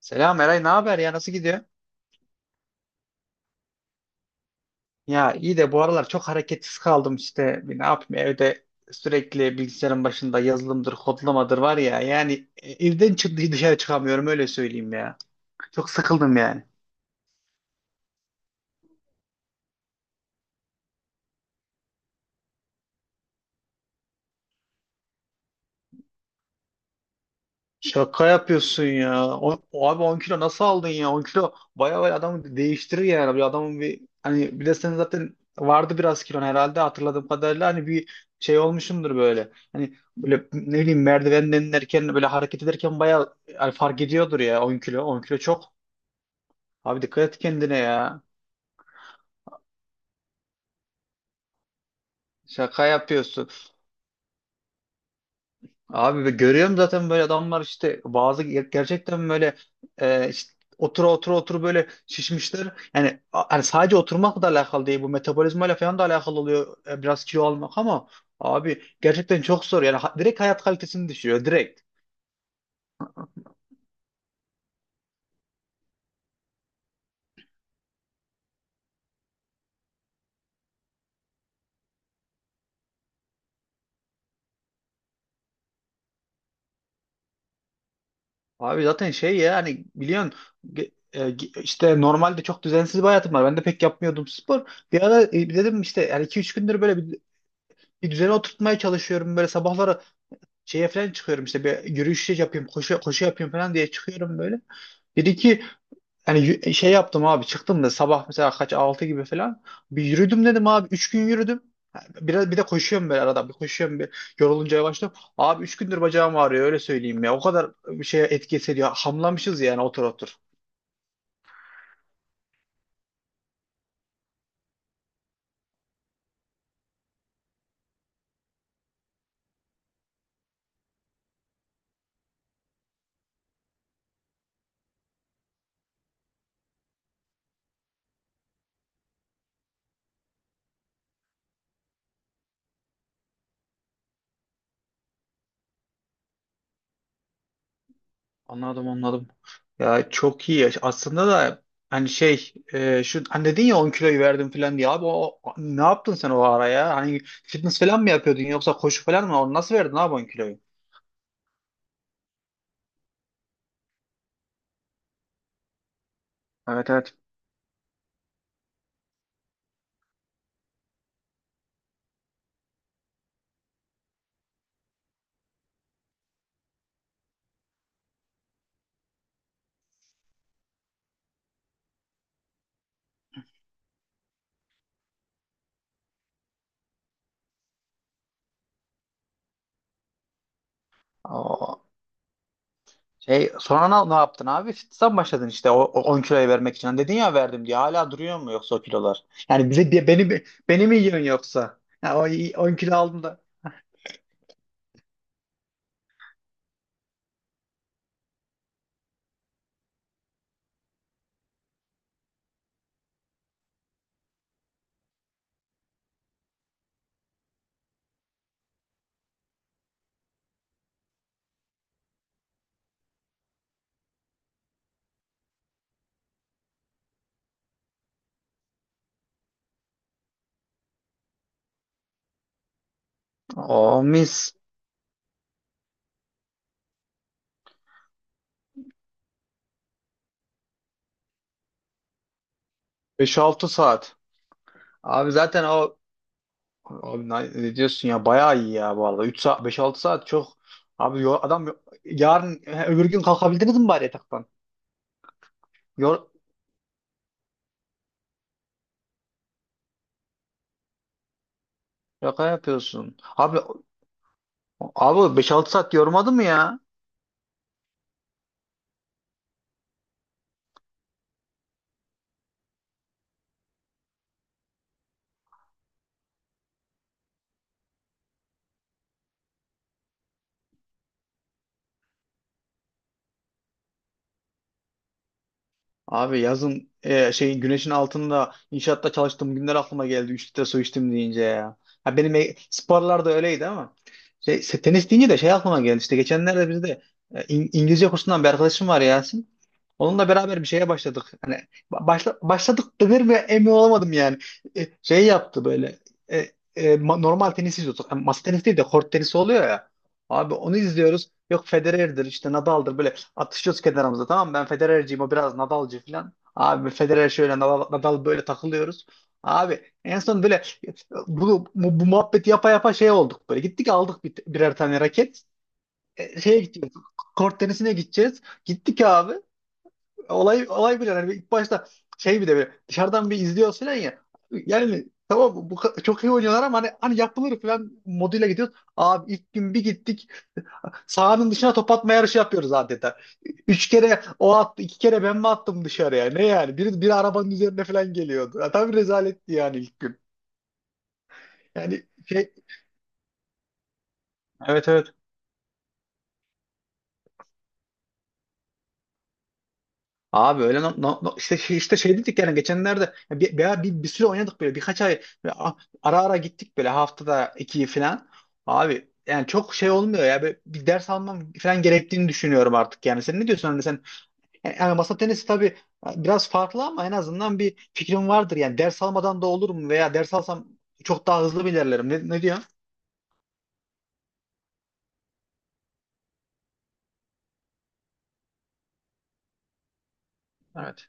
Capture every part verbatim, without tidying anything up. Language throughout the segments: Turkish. Selam Eray, ne haber ya? Nasıl gidiyor? Ya iyi de bu aralar çok hareketsiz kaldım işte. Ne yapayım evde sürekli bilgisayarın başında yazılımdır, kodlamadır var ya. Yani e, evden çıktı dışarı çıkamıyorum öyle söyleyeyim ya. Çok sıkıldım yani. Şaka yapıyorsun ya. O, o abi on kilo nasıl aldın ya? on kilo bayağı bayağı adamı değiştirir yani. Bir adamın bir hani bir de senin zaten vardı biraz kilon herhalde hatırladığım kadarıyla hani bir şey olmuşumdur böyle. Hani böyle ne bileyim merdivenden inerken böyle hareket ederken bayağı yani fark ediyordur ya on kilo. on kilo çok. Abi dikkat et kendine ya. Şaka yapıyorsun. Abi ben görüyorum zaten böyle adamlar işte bazı ger- gerçekten böyle e, işte otura otura otur böyle şişmişler. Yani, a- yani sadece oturmakla da alakalı değil, bu metabolizmayla falan da alakalı oluyor e, biraz kilo almak. Ama abi gerçekten çok zor yani, ha- direkt hayat kalitesini düşürüyor, direkt. Abi zaten şey ya, hani biliyorsun ge- e, ge- işte normalde çok düzensiz bir hayatım var. Ben de pek yapmıyordum spor. Bir ara e, dedim işte yani iki üç gündür böyle bir, bir düzene oturtmaya çalışıyorum. Böyle sabahları şeye falan çıkıyorum işte, bir yürüyüş yapayım, koşu, koşu yapayım falan diye çıkıyorum böyle. Bir iki hani yü- şey yaptım abi, çıktım da sabah mesela kaç, altı gibi falan. Bir yürüdüm, dedim abi üç gün yürüdüm. Biraz bir de koşuyorum böyle, arada bir koşuyorum, bir yorulunca yavaşlıyorum. Abi üç gündür bacağım ağrıyor, öyle söyleyeyim ya. O kadar bir şeye etki ediyor. Hamlamışız yani, otur otur. Anladım anladım. Ya çok iyi ya. Aslında da hani şey e, şu hani dedin ya, on kiloyu verdim falan diye, abi o, o- ne yaptın sen o ara ya? Hani fitness falan mı yapıyordun yoksa koşu falan mı? Onu nasıl verdin abi on kiloyu? Evet evet. O, şey sonra ne, ne yaptın abi? Fitness'a mı başladın işte o, o on kiloyu vermek için? Hani dedin ya verdim diye, hala duruyor mu yoksa o kilolar? Yani bize diye, beni mi- beni mi yiyorsun yoksa? Ya o on kilo aldım da. O mis. Beş altı saat. Abi zaten o Abi ne ne diyorsun ya, bayağı iyi ya vallahi, üç saat, beş altı saat çok. Abi yo- adam yo- yarın he, öbür gün kalkabildiniz mi bari yataktan? Yor, yaka yapıyorsun. Abi abi beş altı saat yormadı mı ya? Abi yazın e, şey güneşin altında inşaatta çalıştığım günler aklıma geldi. Üç litre su içtim deyince ya. Ha benim e, sporlar da öyleydi ama şey, se- tenis deyince de şey aklıma geldi. İşte geçenlerde bizde e, İng- İngilizce kursundan bir arkadaşım var, Yasin. Onunla beraber bir şeye başladık. Hani ba- başla, başladık denir mi emin olamadım yani. E, şey yaptı böyle. e, e, ma- Normal tenis izliyorduk. Yani masa tenisi değil de kort tenisi oluyor ya. Abi onu izliyoruz. Yok Federer'dir işte, Nadal'dır böyle, atışıyoruz kenarımıza, tamam mı? Ben Federer'ciyim, o biraz Nadal'cı falan. Abi Federer şöyle, Nadal, Nadal böyle, takılıyoruz. Abi en son böyle bunu, bu, bu muhabbeti yapa yapa şey olduk böyle. Gittik aldık bir, birer tane raket. E, Şeye gideceğiz. Kort tenisine gideceğiz. Gittik abi. Olay olay bile yani ilk başta, şey bir de böyle dışarıdan bir izliyoruz falan ya. Yani tamam, bu, bu ka- çok iyi oynuyorlar ama hani, hani yapılır falan moduyla gidiyoruz. Abi ilk gün bir gittik. Sahanın dışına top atma yarışı yapıyoruz adeta. Üç kere o attı, iki kere ben mi attım dışarıya? Ne yani? Bir bir arabanın üzerine falan geliyordu. Ya, tabii rezaletti yani ilk gün. Yani şey, evet evet. Abi öyle no, no- no- işte şey, işte şey dedik yani geçenlerde ya, bir, bir, bir, bir süre oynadık böyle, birkaç ay böyle a- ara ara gittik böyle, haftada iki falan. Abi yani çok şey olmuyor ya. Böyle bir ders almam falan gerektiğini düşünüyorum artık yani. Sen ne diyorsun? Hani sen Yani yani masa tenisi tabii e, biraz farklı ama en azından bir fikrim vardır. Yani ders almadan da olur mu, veya ders alsam çok daha hızlı mı ilerlerim? Ne, ne diyor? Evet.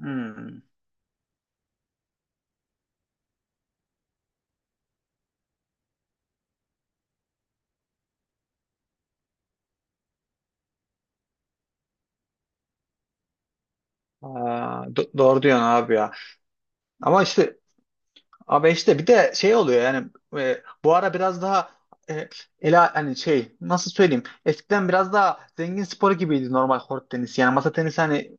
Hmm. Aa, do- doğru diyorsun abi ya. Ama işte abi, işte bir de şey oluyor yani, e, bu ara biraz daha, e, ela hani şey nasıl söyleyeyim, eskiden biraz daha zengin sporu gibiydi normal kort tenisi. Yani masa tenisi hani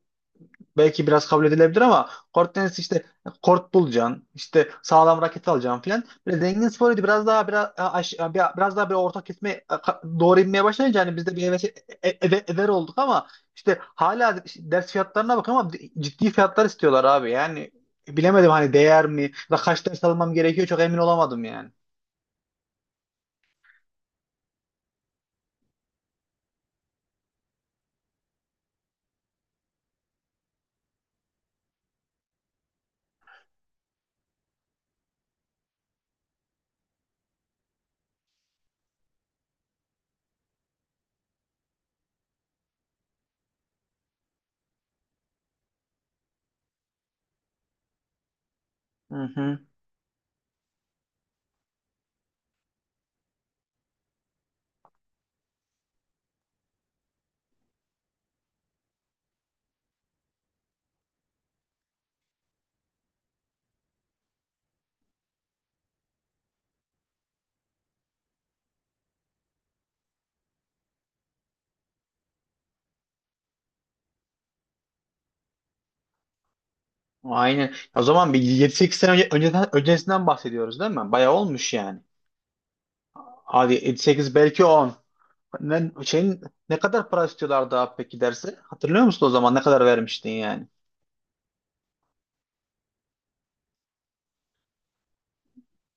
belki biraz kabul edilebilir ama kort tenisi işte, kort bulacaksın, işte sağlam raket alacaksın filan. Böyle zengin sporuydu. Biraz daha biraz e, aş- e, bir- biraz daha bir orta kesme, e, ka- doğru inmeye başlayınca hani biz de bir heves, e- e- ever olduk. Ama işte hala ders fiyatlarına bak, ama ciddi fiyatlar istiyorlar abi. Yani bilemedim hani değer mi, ya da kaç ders almam gerekiyor, çok emin olamadım yani. Hı hı. Aynen. O zaman bir yedi sekiz sene önce, önceden, öncesinden bahsediyoruz değil mi? Bayağı olmuş yani. Hadi yedi sekiz, belki on. Ben şeyin, ne kadar para istiyorlardı abi peki derse? Hatırlıyor musun, o zaman ne kadar vermiştin yani?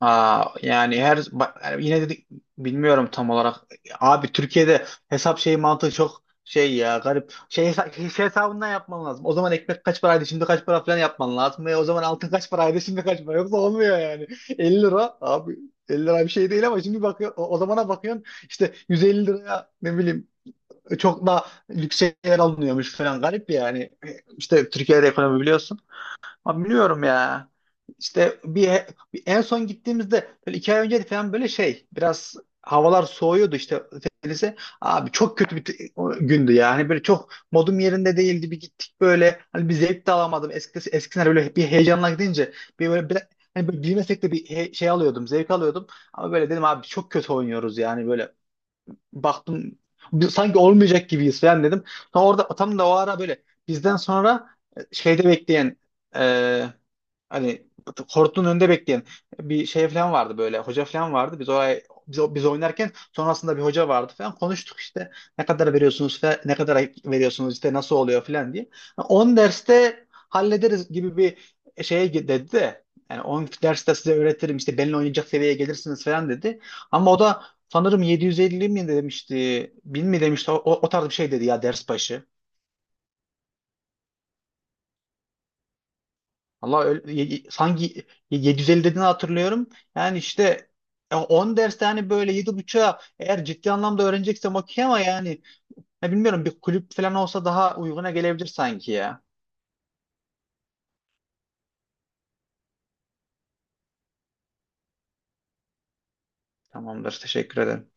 Aa, yani her bak, yani yine dedik, bilmiyorum tam olarak. Abi Türkiye'de hesap şeyi mantığı çok şey ya, garip. Şey, hesa- şey hesabından yapman lazım. O zaman ekmek kaç paraydı, şimdi kaç para falan yapman lazım. Ve o zaman altın kaç paraydı, şimdi kaç para. Yoksa olmuyor yani. elli lira, abi elli lira bir şey değil ama şimdi bakıyor, o, o zamana bakıyorsun işte yüz elli liraya ne bileyim çok da lüks şeyler alınıyormuş falan, garip yani. İşte Türkiye'de ekonomi, biliyorsun. Ama biliyorum ya. İşte bir, bir en son gittiğimizde böyle iki ay önce falan, böyle şey biraz havalar soğuyordu işte, denize. Abi çok kötü bir t- o gündü yani, böyle çok modum yerinde değildi, bir gittik böyle, hani bir zevk de alamadım. Eskisi, eskisine böyle bir heyecanla gidince, bir böyle bir, hani böyle bilmesek de bir he- şey alıyordum, zevk alıyordum, ama böyle dedim abi çok kötü oynuyoruz yani. Böyle baktım, bir- sanki olmayacak gibiyiz falan dedim. Sonra orada tam da o ara, böyle bizden sonra e, şeyde bekleyen e, hani kortun önünde bekleyen bir şey falan vardı, böyle hoca falan vardı. Biz oraya biz, biz oynarken sonrasında bir hoca vardı falan, konuştuk işte. Ne kadar veriyorsunuz falan, ne kadar veriyorsunuz işte, nasıl oluyor falan diye. On derste hallederiz gibi bir şeye dedi de, yani on derste size öğretirim, işte benimle oynayacak seviyeye gelirsiniz falan dedi. Ama o da sanırım yedi yüz elli mi demişti, bin mi demişti, o, o o tarz bir şey dedi ya ders başı. Allah öyle- ye- ye- Sanki yedi yüz elli dediğini hatırlıyorum. Yani işte e, on derste hani böyle yedi buçuğa, eğer ciddi anlamda öğreneceksem okey, ama yani ya bilmiyorum, bir kulüp falan olsa daha uyguna gelebilir sanki ya. Tamamdır. Teşekkür ederim.